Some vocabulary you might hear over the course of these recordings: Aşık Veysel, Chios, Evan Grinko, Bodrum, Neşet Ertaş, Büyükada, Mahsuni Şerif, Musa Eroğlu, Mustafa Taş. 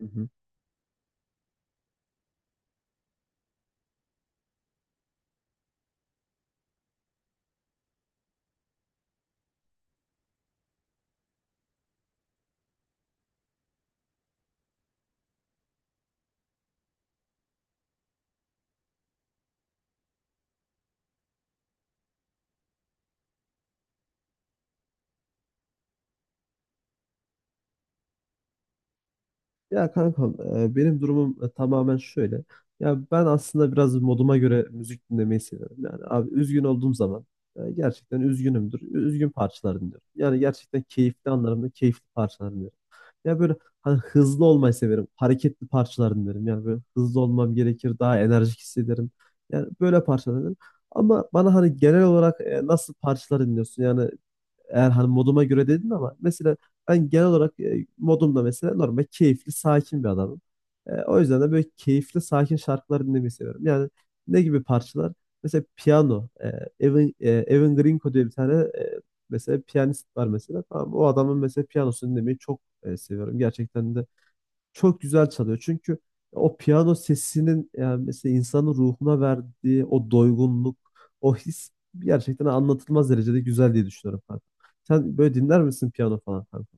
Hı hı. Ya kankam benim durumum tamamen şöyle. Ya ben aslında biraz moduma göre müzik dinlemeyi seviyorum. Yani abi üzgün olduğum zaman gerçekten üzgünümdür. Üzgün parçalar dinliyorum. Yani gerçekten keyifli anlarımda keyifli parçalar dinliyorum. Ya böyle hani hızlı olmayı severim. Hareketli parçalar dinlerim. Yani böyle hızlı olmam gerekir. Daha enerjik hissederim. Yani böyle parçalar dinlerim. Ama bana hani genel olarak nasıl parçalar dinliyorsun? Yani eğer hani moduma göre dedin ama mesela ben genel olarak modumda mesela normal keyifli, sakin bir adamım. O yüzden de böyle keyifli, sakin şarkılar dinlemeyi seviyorum. Yani ne gibi parçalar? Mesela piyano. Evan Grinko diye bir tane e, mesela piyanist var mesela. Tamam, o adamın mesela piyanosunu dinlemeyi çok seviyorum. Gerçekten de çok güzel çalıyor. Çünkü o piyano sesinin yani mesela insanın ruhuna verdiği o doygunluk, o his gerçekten anlatılmaz derecede güzel diye düşünüyorum kanka. Sen böyle dinler misin piyano falan kanka?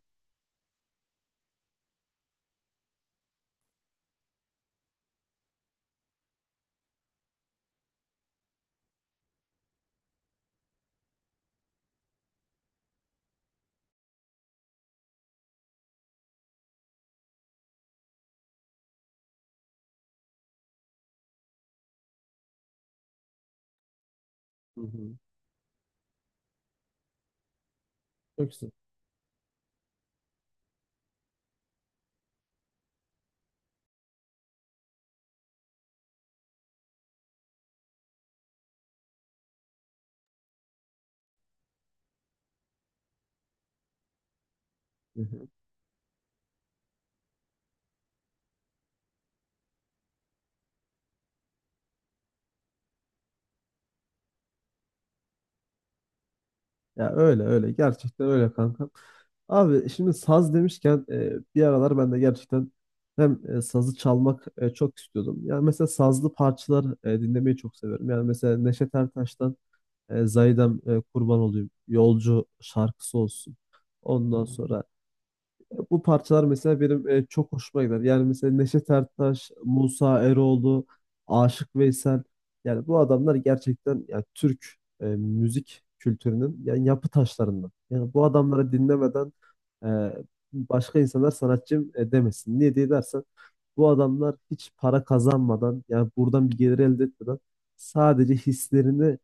Hı hı. Çok güzel. Hı hı. Ya öyle öyle gerçekten öyle kanka. Abi şimdi saz demişken bir aralar ben de gerçekten hem sazı çalmak çok istiyordum. Yani mesela sazlı parçalar dinlemeyi çok severim. Yani mesela Neşet Ertaş'tan Zaydem kurban olayım. Yolcu şarkısı olsun. Ondan sonra bu parçalar mesela benim çok hoşuma gider. Yani mesela Neşet Ertaş, Musa Eroğlu, Aşık Veysel. Yani bu adamlar gerçekten yani Türk müzik kültürünün yani yapı taşlarından. Yani bu adamları dinlemeden e, başka insanlar sanatçım demesin. Niye diye dersen bu adamlar hiç para kazanmadan yani buradan bir gelir elde etmeden sadece hislerini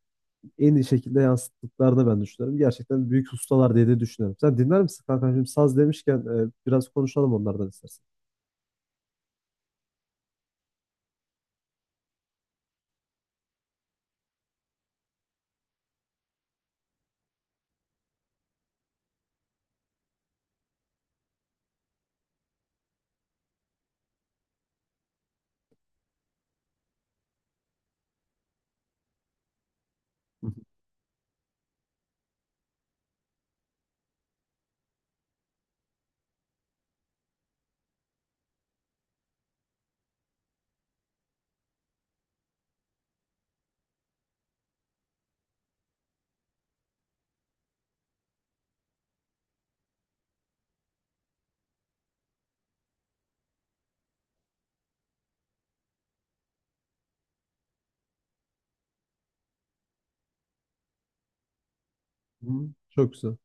en iyi şekilde yansıttıklarını ben düşünüyorum. Gerçekten büyük ustalar diye de düşünüyorum. Sen dinler misin kanka? Şimdi saz demişken biraz konuşalım onlardan istersen. Hı hı. Çok güzel.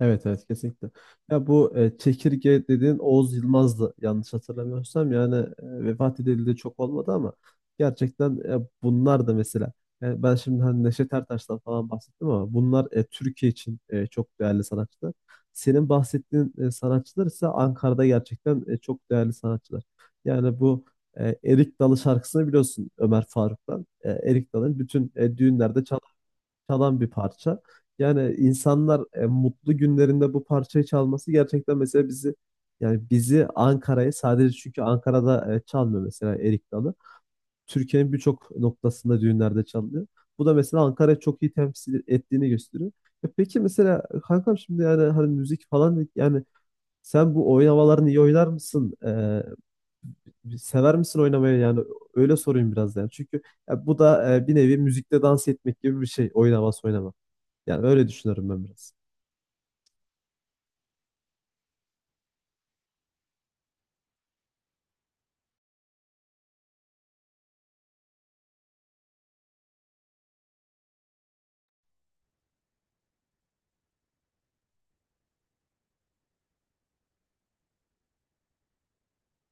Evet evet kesinlikle. Ya bu çekirge dediğin Oğuz Yılmaz'dı yanlış hatırlamıyorsam yani vefat edildi de çok olmadı ama gerçekten bunlar da mesela yani ben şimdi hani Neşet Ertaş'tan falan bahsettim ama bunlar Türkiye için çok değerli sanatçılar. Senin bahsettiğin sanatçılar ise Ankara'da gerçekten çok değerli sanatçılar. Yani bu Erik Dalı şarkısını biliyorsun Ömer Faruk'tan. Erik Dalı'nın bütün düğünlerde çalan bir parça. Yani insanlar mutlu günlerinde bu parçayı çalması gerçekten mesela bizi yani bizi Ankara'yı sadece çünkü Ankara'da çalmıyor mesela Erik Dalı. Türkiye'nin birçok noktasında düğünlerde çalınıyor. Bu da mesela Ankara'yı çok iyi temsil ettiğini gösteriyor. E peki mesela kankam şimdi yani hani müzik falan dedik, yani sen bu oynamalarını iyi oynar mısın? Sever misin oynamayı yani öyle sorayım biraz yani. Çünkü ya bu da bir nevi müzikte dans etmek gibi bir şey oynaması oynama. Yani öyle düşünüyorum ben biraz.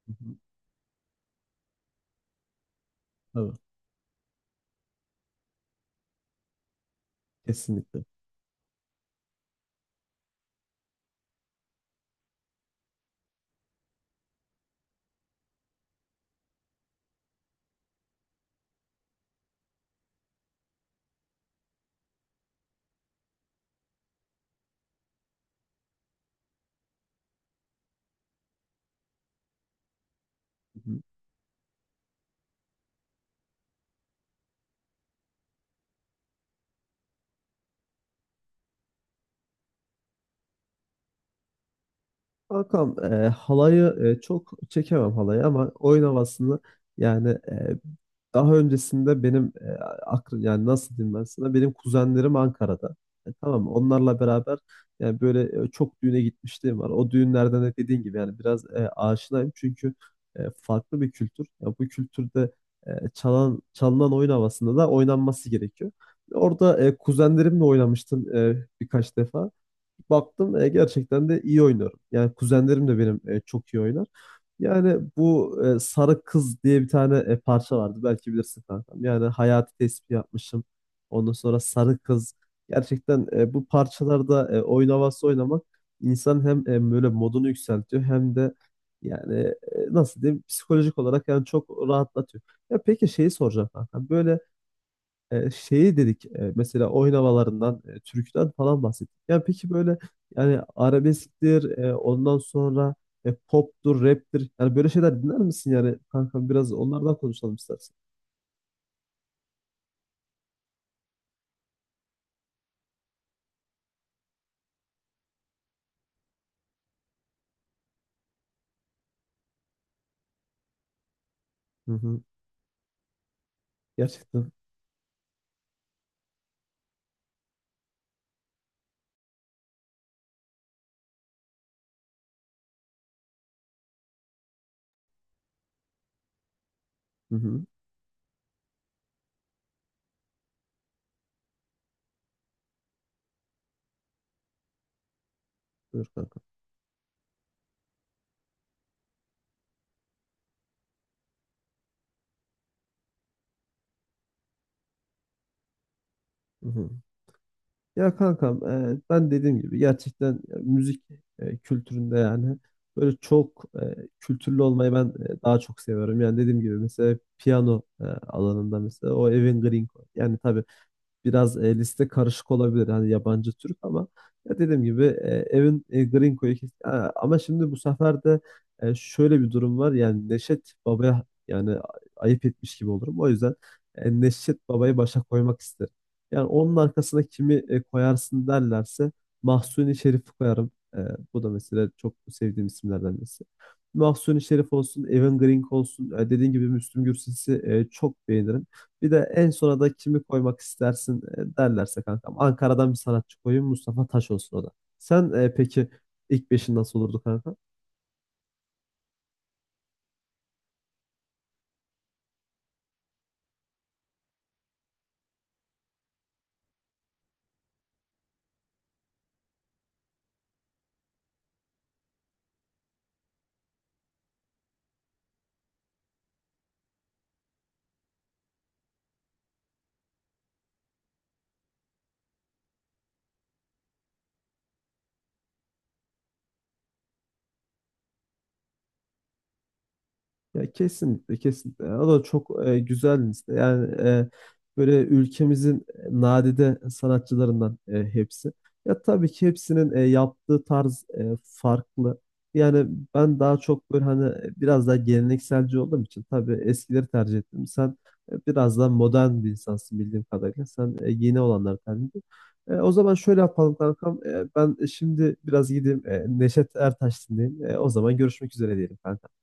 Hı hı. Tabii. Kesinlikle. Hı hı. Kankam halayı çok çekemem halayı ama oyun havasını yani daha öncesinde benim aklım yani nasıl diyeyim ben sana benim kuzenlerim Ankara'da. E, tamam mı? Onlarla beraber yani böyle çok düğüne gitmişliğim var. O düğünlerden de dediğin gibi yani biraz aşinayım çünkü farklı bir kültür. Ya bu kültürde çalan çalınan oyun havasında da oynanması gerekiyor. Orada kuzenlerimle oynamıştım birkaç defa baktım gerçekten de iyi oynuyorum. Yani kuzenlerim de benim çok iyi oynar. Yani bu Sarı Kız diye bir tane parça vardı. Belki bilirsin kankam. Yani hayati tespih yapmışım. Ondan sonra Sarı Kız. Gerçekten bu parçalarda oyun havası oynamak insan hem böyle modunu yükseltiyor hem de yani nasıl diyeyim psikolojik olarak yani çok rahatlatıyor. Ya peki şeyi soracağım kankam. Böyle şeyi dedik mesela oynamalarından, türküden falan bahsettik. Ya peki böyle yani arabesktir, ondan sonra poptur, raptir. Yani böyle şeyler dinler misin yani kankam biraz onlardan konuşalım istersen. Hı hı. Gerçekten. Hı hı. Buyur kankam. Hı hı. Ya kankam ben dediğim gibi gerçekten müzik kültüründe yani böyle çok kültürlü olmayı ben daha çok seviyorum. Yani dediğim gibi mesela piyano alanında mesela o Evan Green. Yani tabii biraz liste karışık olabilir. Hani yabancı Türk ama ya dediğim gibi Gringo'yu kes- Ha, ama şimdi bu sefer de şöyle bir durum var. Yani Neşet Baba'ya yani a- ayıp etmiş gibi olurum. O yüzden Neşet Baba'yı başa koymak isterim. Yani onun arkasına kimi koyarsın derlerse Mahsuni Şerif'i koyarım. E, Bu da mesela çok sevdiğim isimlerden birisi. Mahsuni Şerif olsun, Evan Gringo olsun. Dediğim gibi Müslüm Gürses'i çok beğenirim. Bir de en sona da kimi koymak istersin derlerse kankam. Ankara'dan bir sanatçı koyayım Mustafa Taş olsun o da. Sen peki ilk beşin nasıl olurdu kanka? Ya kesinlikle kesinlikle. O da çok güzel liste. Yani böyle ülkemizin nadide sanatçılarından hepsi. Ya tabii ki hepsinin yaptığı tarz farklı. Yani ben daha çok böyle hani biraz daha gelenekselci olduğum için tabii eskileri tercih ettim. Sen biraz daha modern bir insansın bildiğim kadarıyla. Sen yeni olanları tercih ettin. O zaman şöyle yapalım kankam. Ben şimdi biraz gideyim Neşet Ertaş dinleyeyim. O zaman görüşmek üzere diyelim kankam.